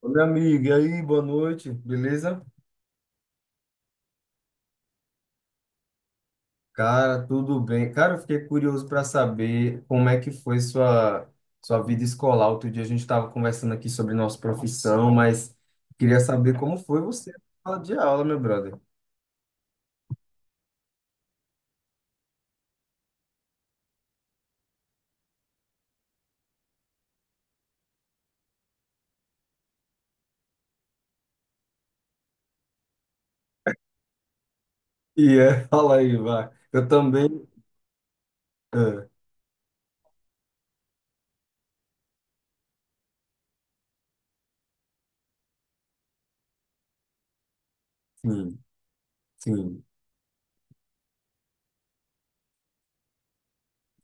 Ô, meu amigo, e aí, boa noite, beleza? Cara, tudo bem. Cara, eu fiquei curioso para saber como é que foi sua, sua vida escolar. Outro dia a gente estava conversando aqui sobre nossa profissão, mas queria saber como foi você na sala de aula, meu brother. E é, fala aí, vai. Eu também. Ah, sim, sim.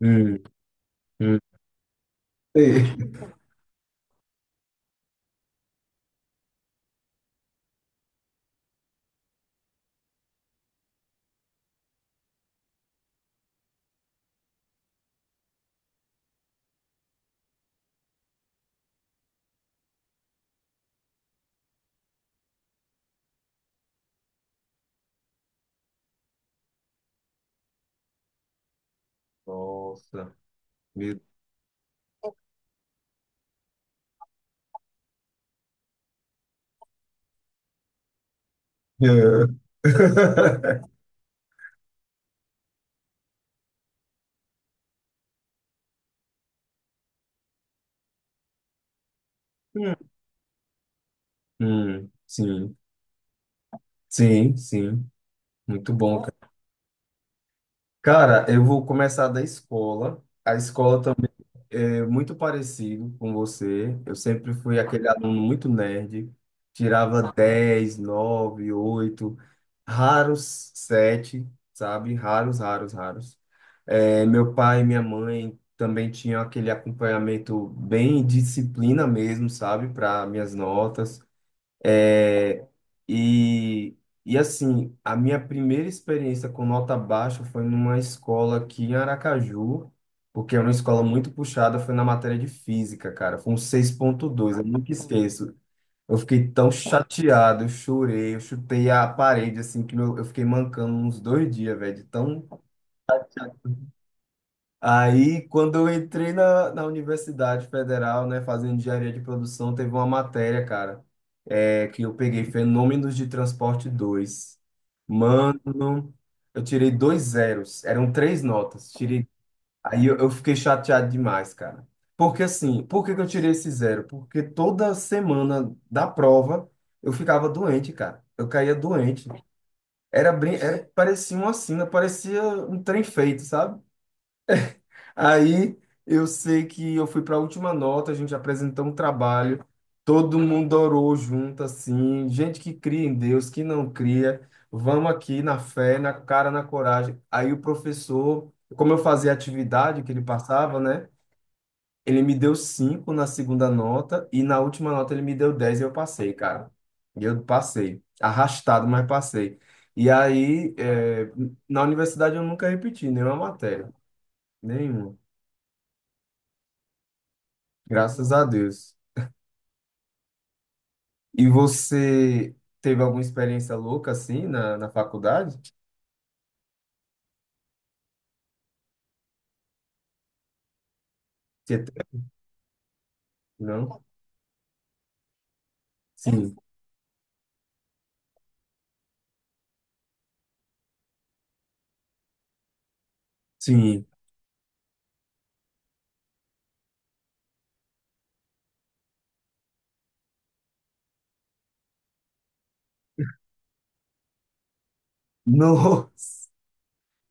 Hum, hum. Ei. Nossa, meu Deus. Sim, sim, sim. Muito bom. Cara, eu vou começar da escola. A escola também é muito parecido com você. Eu sempre fui aquele aluno muito nerd, tirava 10, 9, 8, raros 7, sabe? Raros, raros, raros. É, meu pai e minha mãe também tinham aquele acompanhamento bem disciplina mesmo, sabe? Para minhas notas. É, e, e assim, a minha primeira experiência com nota baixa foi numa escola aqui em Aracaju, porque era uma escola muito puxada, foi na matéria de física, cara. Foi um seis ponto dois, eu nunca esqueço. Eu fiquei tão chateado, eu chorei, eu chutei a parede, assim, que eu fiquei mancando uns dois dias, velho, de tão. Aí, quando eu entrei na Universidade Federal, né, fazendo engenharia de produção, teve uma matéria, cara, que eu peguei Fenômenos de Transporte dois. Mano, eu tirei dois zeros, eram três notas. Tirei... eu fiquei chateado demais, cara. Porque assim, por que que eu tirei esse zero? Porque toda semana da prova eu ficava doente, cara. Eu caía doente. Era, era... Parecia uma sina, parecia um trem feito, sabe? Aí eu sei que eu fui para a última nota, a gente apresentou um trabalho, todo mundo orou junto, assim, gente que cria em Deus, que não cria, vamos aqui na fé, na cara, na coragem. Aí o professor, como eu fazia a atividade que ele passava, né? Ele me deu cinco na segunda nota e na última nota ele me deu 10 e eu passei, cara. E eu passei, arrastado, mas passei. E aí, na universidade eu nunca repeti nenhuma matéria, nenhuma. Graças a Deus. E você teve alguma experiência louca assim na faculdade? Você teve, não? Sim, sim. Nossa,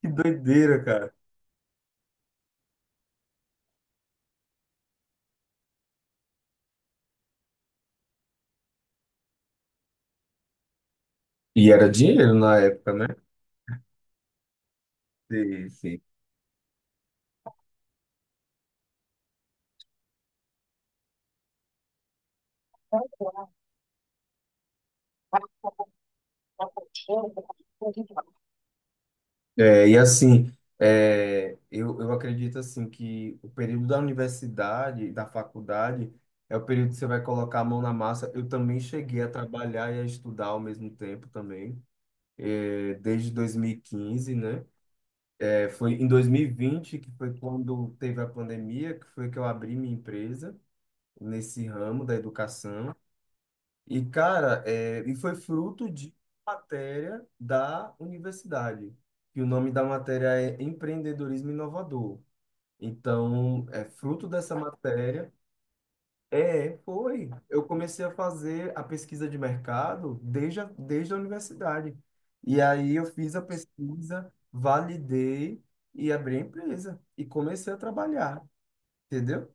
que doideira, cara. E era dinheiro na época, né? Sim, sim. É, e assim, eu acredito assim que o período da universidade, da faculdade, é o período que você vai colocar a mão na massa. Eu também cheguei a trabalhar e a estudar ao mesmo tempo também, é, desde 2015, né? É, foi em 2020, que foi quando teve a pandemia, que foi que eu abri minha empresa nesse ramo da educação. E, cara, é, e foi fruto de matéria da universidade, que o nome da matéria é Empreendedorismo Inovador. Então, é fruto dessa matéria. É, foi. Eu comecei a fazer a pesquisa de mercado desde a universidade. E aí eu fiz a pesquisa, validei e abri a empresa. E comecei a trabalhar, entendeu?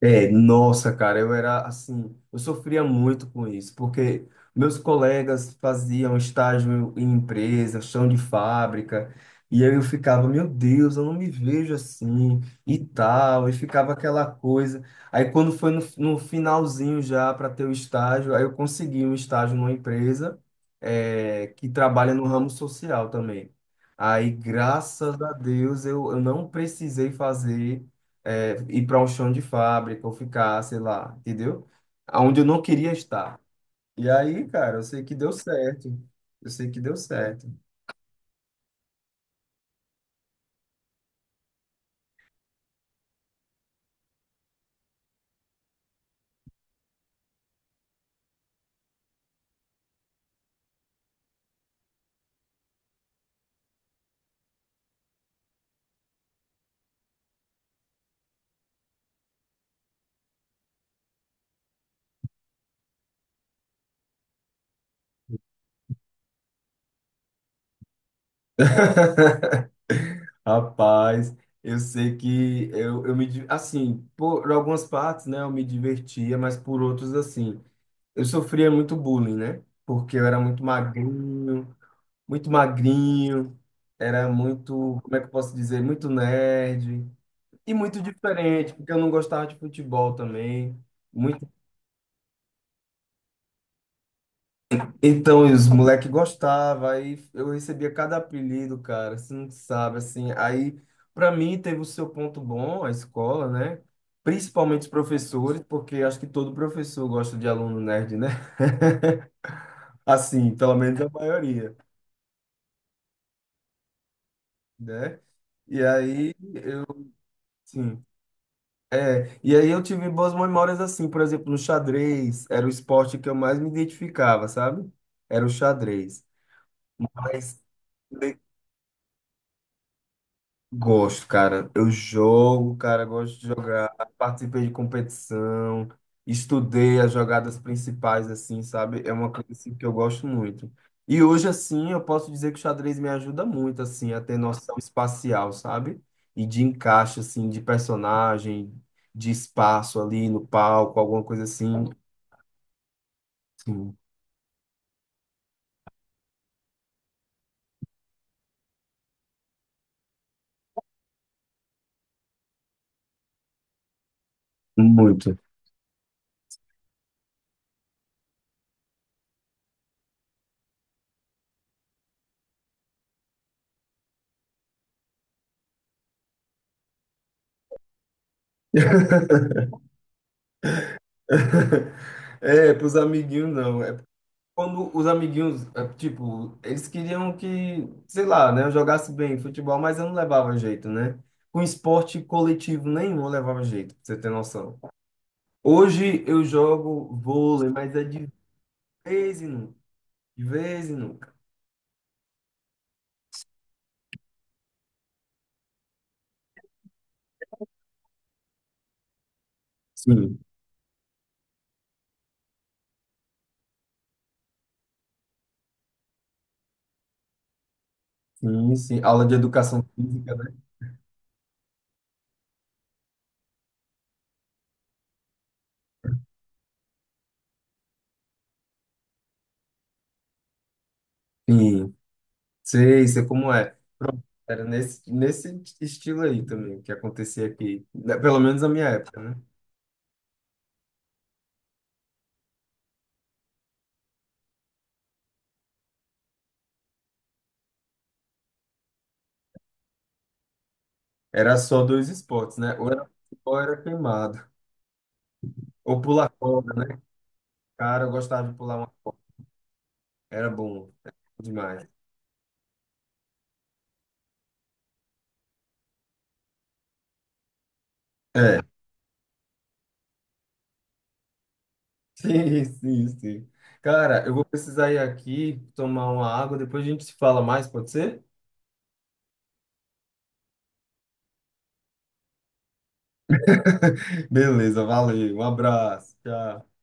É, nossa, cara, eu era assim, eu sofria muito com isso, porque meus colegas faziam estágio em empresa, chão de fábrica, e aí eu ficava, meu Deus, eu não me vejo assim, e tal, e ficava aquela coisa. Aí quando foi no finalzinho já para ter o estágio, aí eu consegui um estágio numa empresa, é, que trabalha no ramo social também. Aí, graças a Deus, eu não precisei fazer é, ir para um chão de fábrica ou ficar, sei lá, entendeu? Aonde eu não queria estar. E aí, cara, eu sei que deu certo. Eu sei que deu certo. Rapaz, eu sei que eu me, di- assim, por algumas partes, né, eu me divertia, mas por outros, assim, eu sofria muito bullying, né? Porque eu era muito magrinho, era muito, como é que eu posso dizer, muito nerd. E muito diferente, porque eu não gostava de futebol também. Muito... Então, e os moleques gostavam, aí eu recebia cada apelido, cara, você não sabe, assim. Aí, para mim, teve o seu ponto bom, a escola, né? Principalmente os professores, porque acho que todo professor gosta de aluno nerd, né? Assim, pelo menos a maioria, né? E aí, sim. É, e aí eu tive boas memórias assim, por exemplo, no xadrez, era o esporte que eu mais me identificava, sabe? Era o xadrez. Mas le- gosto, cara. Eu jogo, cara, gosto de jogar. Participei de competição, estudei as jogadas principais, assim, sabe? É uma coisa assim, que eu gosto muito. E hoje, assim, eu posso dizer que o xadrez me ajuda muito, assim, a ter noção espacial, sabe? E de encaixe, assim, de personagem, de espaço ali no palco, alguma coisa assim. Sim, muito. É, pros amiguinhos não. É quando os amiguinhos, tipo, eles queriam que, sei lá, né, eu jogasse bem futebol, mas eu não levava jeito, né? Com esporte coletivo nenhum eu levava jeito, pra você ter noção. Hoje eu jogo vôlei, mas é de vez em nunca, de vez em nunca. Sim, sim, sim. Aula de educação física, né? Sim, sei, sei como é. Era nesse estilo aí também que acontecia aqui, né, pelo menos na minha época, né? Era só dois esportes, né? Ou era futebol, ou era queimado. Ou pular corda, né? Cara, eu gostava de pular uma corda. Era bom. Era bom demais. É. Sim, sim, sim. Cara, eu vou precisar ir aqui tomar uma água, depois a gente se fala mais, pode ser? Beleza, valeu. Um abraço. Tchau.